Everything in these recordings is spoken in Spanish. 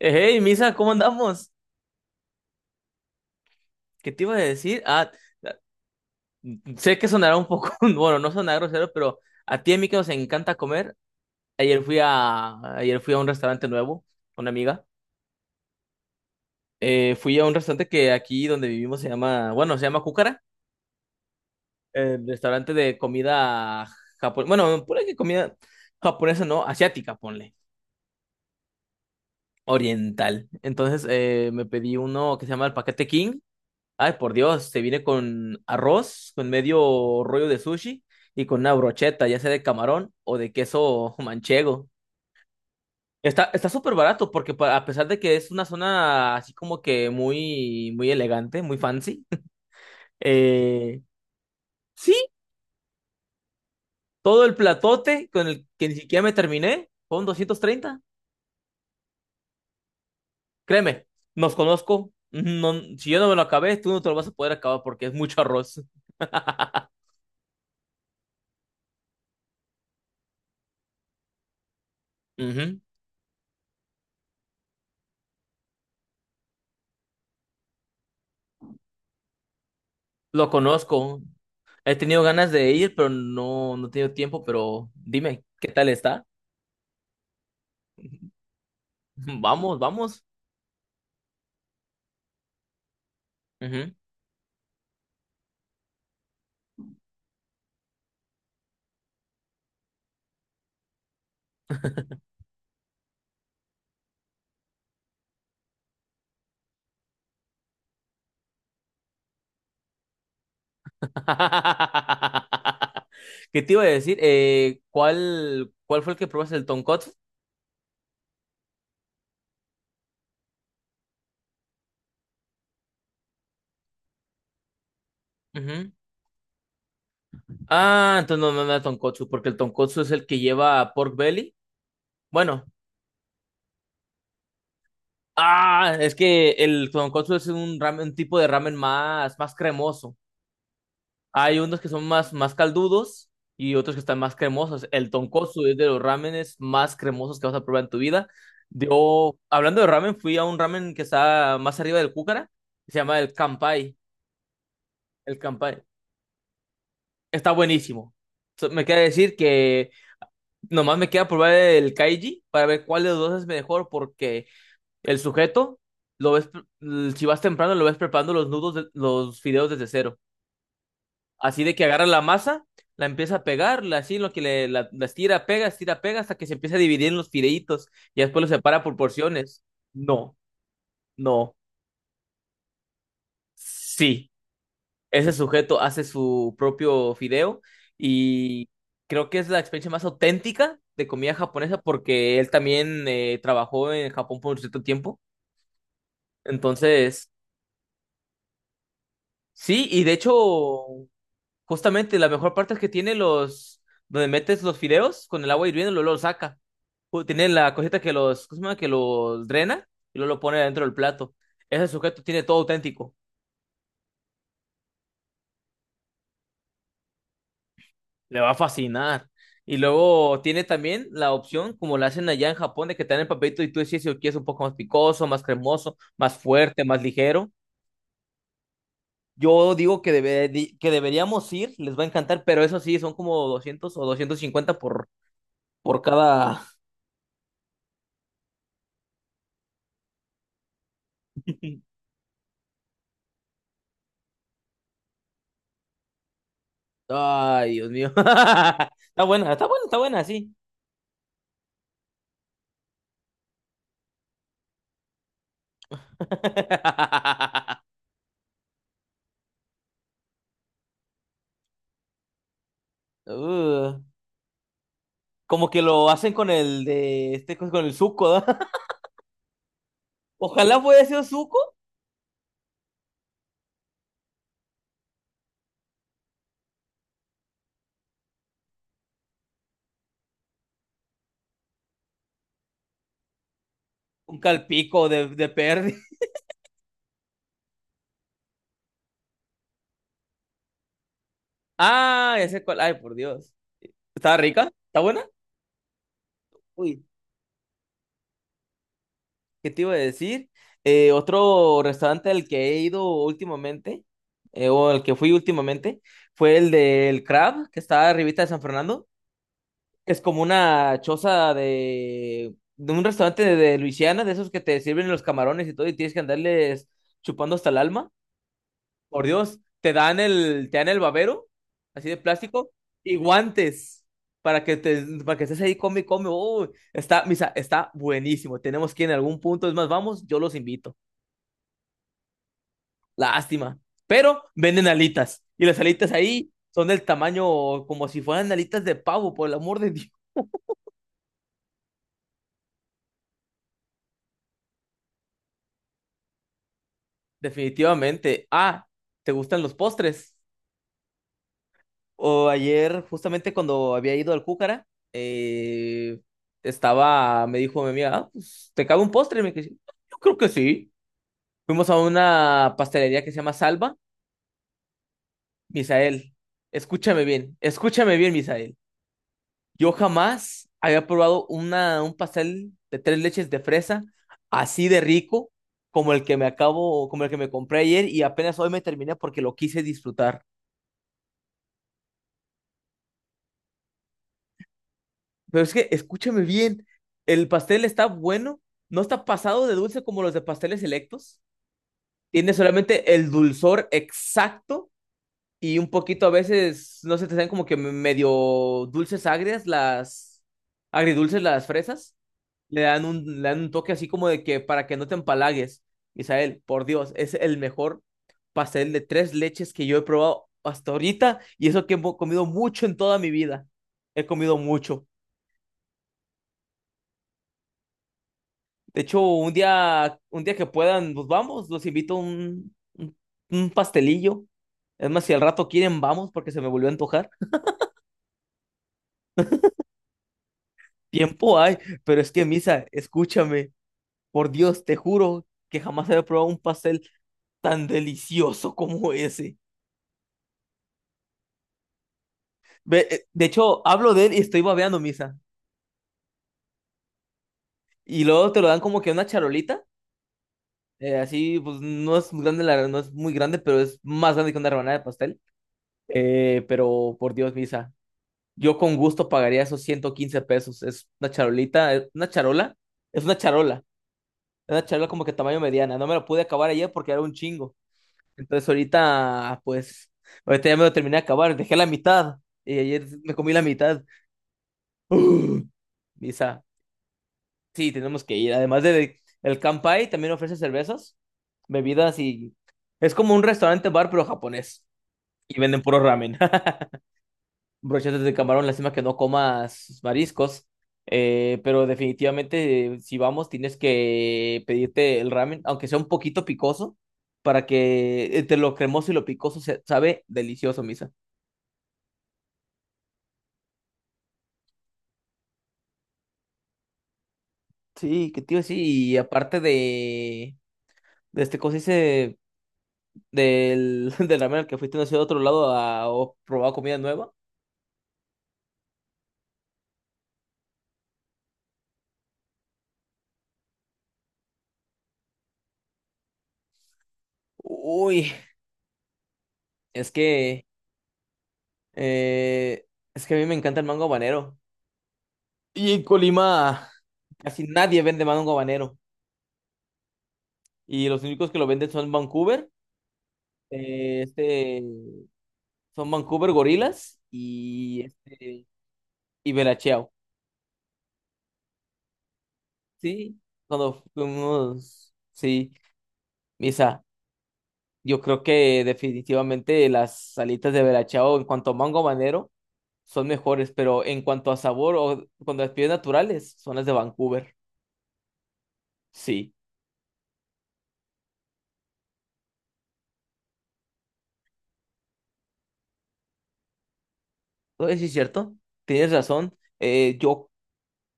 Hey, Misa, ¿cómo andamos? ¿Qué te iba a decir? Ah, sé que sonará un poco, bueno, no sonará grosero, pero a ti y a mí que nos encanta comer. Ayer fui a un restaurante nuevo, una amiga. Fui a un restaurante que aquí donde vivimos bueno, se llama Cúcara, restaurante de comida japonesa. Bueno, ponle que comida japonesa, no, asiática, ponle, oriental. Entonces, me pedí uno que se llama el Paquete King. Ay, por Dios, se viene con arroz, con medio rollo de sushi y con una brocheta, ya sea de camarón o de queso manchego. Está súper barato porque a pesar de que es una zona así como que muy, muy elegante, muy fancy. eh, sí, todo el platote con el que ni siquiera me terminé fueron 230. Créeme, nos conozco. No, si yo no me lo acabé, tú no te lo vas a poder acabar porque es mucho arroz. Ujú. Lo conozco. He tenido ganas de ir, pero no, no he tenido tiempo, pero dime, ¿qué tal está? Vamos, vamos. Ujú. ¿Qué te iba a decir? ¿Cuál fue el que probaste? ¿El tonkotsu? Ujú. Ah, entonces no, no, no es tonkotsu, porque el tonkotsu es el que lleva pork belly. Bueno, ah, es que el tonkotsu es un ramen, un tipo de ramen más cremoso. Hay unos que son más caldudos y otros que están más cremosos. El tonkotsu es de los ramenes más cremosos que vas a probar en tu vida. Yo, hablando de ramen, fui a un ramen que está más arriba del Cúcara, se llama el Kanpai. El Kanpai. Está buenísimo. Me queda decir que nomás me queda probar el Kaiji para ver cuál de los dos es mejor, porque el sujeto, lo ves, si vas temprano, lo ves preparando los nudos, los fideos desde cero. Así de que agarra la masa, la empieza a pegar, así lo que le la estira, pega, hasta que se empieza a dividir en los fileitos y después los separa por porciones. No, no, sí. Ese sujeto hace su propio fideo y creo que es la experiencia más auténtica de comida japonesa porque él también trabajó en Japón por un cierto tiempo. Entonces, sí, y de hecho justamente, la mejor parte es que tiene los, donde metes los fideos con el agua hirviendo y luego lo saca. Tiene la cosita que los, ¿cómo se llama? Que los drena y luego lo pone dentro del plato. Ese sujeto tiene todo auténtico. Le va a fascinar. Y luego tiene también la opción, como la hacen allá en Japón, de que te dan el papelito y tú decides si lo quieres un poco más picoso, más cremoso, más fuerte, más ligero. Yo digo que, que deberíamos ir, les va a encantar, pero eso sí, son como 200 o 250 por, cada. Ay, Dios mío. Está buena, está buena, está buena, sí. Uh, como que lo hacen con el de este con el suco, ¿no? Ojalá fuera sido suco, un calpico de perdi. Ah, ese cual. Ay, por Dios. ¿Está rica? ¿Está buena? Uy, ¿qué te iba a decir? Otro restaurante al que he ido últimamente, o al que fui últimamente, fue el del Crab, que está arribita de San Fernando. Es como una choza de un restaurante de Luisiana, de esos que te sirven los camarones y todo, y tienes que andarles chupando hasta el alma. Por Dios, te dan el babero, así de plástico, y guantes para que estés ahí, come, y come. Uy, está, Misa, está buenísimo. Tenemos que ir en algún punto, es más, vamos, yo los invito. Lástima. Pero venden alitas, y las alitas ahí son del tamaño como si fueran alitas de pavo, por el amor de Dios. Definitivamente. Ah, ¿te gustan los postres? O ayer, justamente cuando había ido al Cúcara, eh, me dijo mi amiga, "Ah, pues, ¿te cabe un postre?" Y me dije, yo creo que sí. Fuimos a una pastelería que se llama Salva. Misael, escúchame bien, Misael. Yo jamás había probado un pastel de tres leches de fresa así de rico como el que como el que me compré ayer y apenas hoy me terminé porque lo quise disfrutar. Pero es que, escúchame bien, el pastel está bueno, no está pasado de dulce como los de pasteles selectos. Tiene solamente el dulzor exacto y un poquito a veces, no sé, te saben como que medio dulces agrias, las agridulces, las fresas. Le dan un toque así como de que para que no te empalagues. Isael, por Dios, es el mejor pastel de tres leches que yo he probado hasta ahorita y eso que he comido mucho en toda mi vida. He comido mucho. De hecho, un día que puedan, nos vamos, los invito a un pastelillo. Es más, si al rato quieren, vamos, porque se me volvió a antojar. Tiempo hay, pero es que, Misa, escúchame, por Dios, te juro que jamás había probado un pastel tan delicioso como ese. De hecho, hablo de él y estoy babeando, Misa. Y luego te lo dan como que una charolita, así, pues no es muy grande, no es muy grande, pero es más grande que una rebanada de pastel. Pero por Dios, Misa, yo con gusto pagaría esos $115. Es una charolita, es una charola, es una charola como que tamaño mediana. No me lo pude acabar ayer porque era un chingo. Entonces ahorita, pues, ahorita ya me lo terminé de acabar, dejé la mitad y ayer me comí la mitad. Uh, Misa, sí, tenemos que ir. Además de el Kanpai, también ofrece cervezas, bebidas y es como un restaurante bar pero japonés y venden puro ramen. Brochetas de camarón, lástima que no comas mariscos, pero definitivamente si vamos tienes que pedirte el ramen, aunque sea un poquito picoso, para que entre lo cremoso y lo picoso se sabe delicioso, Misa. Sí, que tío, sí, y aparte de este cosa hice del ramen al que fuiste no sé, de otro lado a, o probar comida nueva. Uy, es que eh, es que a mí me encanta el mango habanero. Y en Colima casi nadie vende mango habanero. Y los únicos que lo venden son Vancouver, eh, este, son Vancouver Gorilas y este y Bella Ciao. Sí, cuando fuimos, sí, Misa, yo creo que definitivamente las salitas de Bella Ciao en cuanto a mango habanero son mejores, pero en cuanto a sabor o cuando las pides naturales son las de Vancouver. Sí, eso sí es cierto, tienes razón. Yo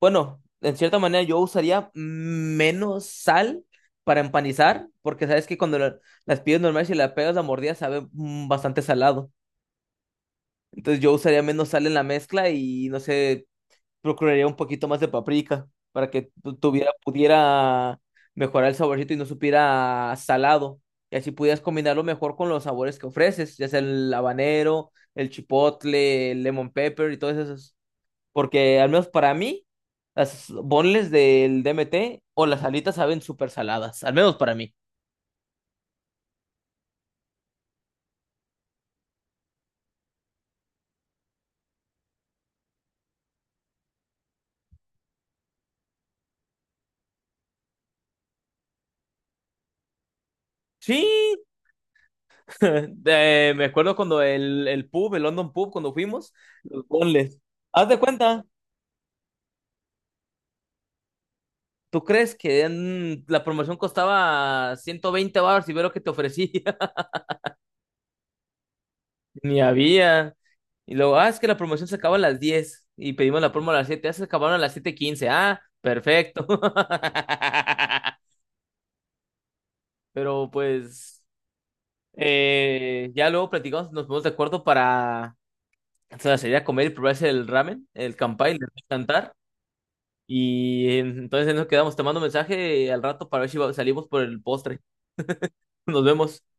Bueno, en cierta manera yo usaría menos sal para empanizar, porque sabes que cuando las pides normales y la pegas la mordida, sabe bastante salado. Entonces yo usaría menos sal en la mezcla y no sé, procuraría un poquito más de paprika para que tuviera, pudiera mejorar el saborcito y no supiera a salado. Y así pudieras combinarlo mejor con los sabores que ofreces, ya sea el habanero, el chipotle, el lemon pepper y todos esos. Porque al menos para mí, las bonles del DMT o las alitas saben súper saladas, al menos para mí. Sí, me acuerdo cuando el pub, el London Pub, cuando fuimos, los bonles. Haz de cuenta, ¿tú crees que la promoción costaba 120 baros y ve lo que te ofrecía? Ni había. Y luego, ah, es que la promoción se acaba a las 10 y pedimos la promo a las 7. Ya se acabaron a las 7:15. Ah, perfecto. Pero pues. Ya luego platicamos, nos ponemos de acuerdo para, o sea, sería comer y probarse el ramen, el campai, el cantar. Y entonces nos quedamos. Te mando mensaje al rato para ver si salimos por el postre. Nos vemos.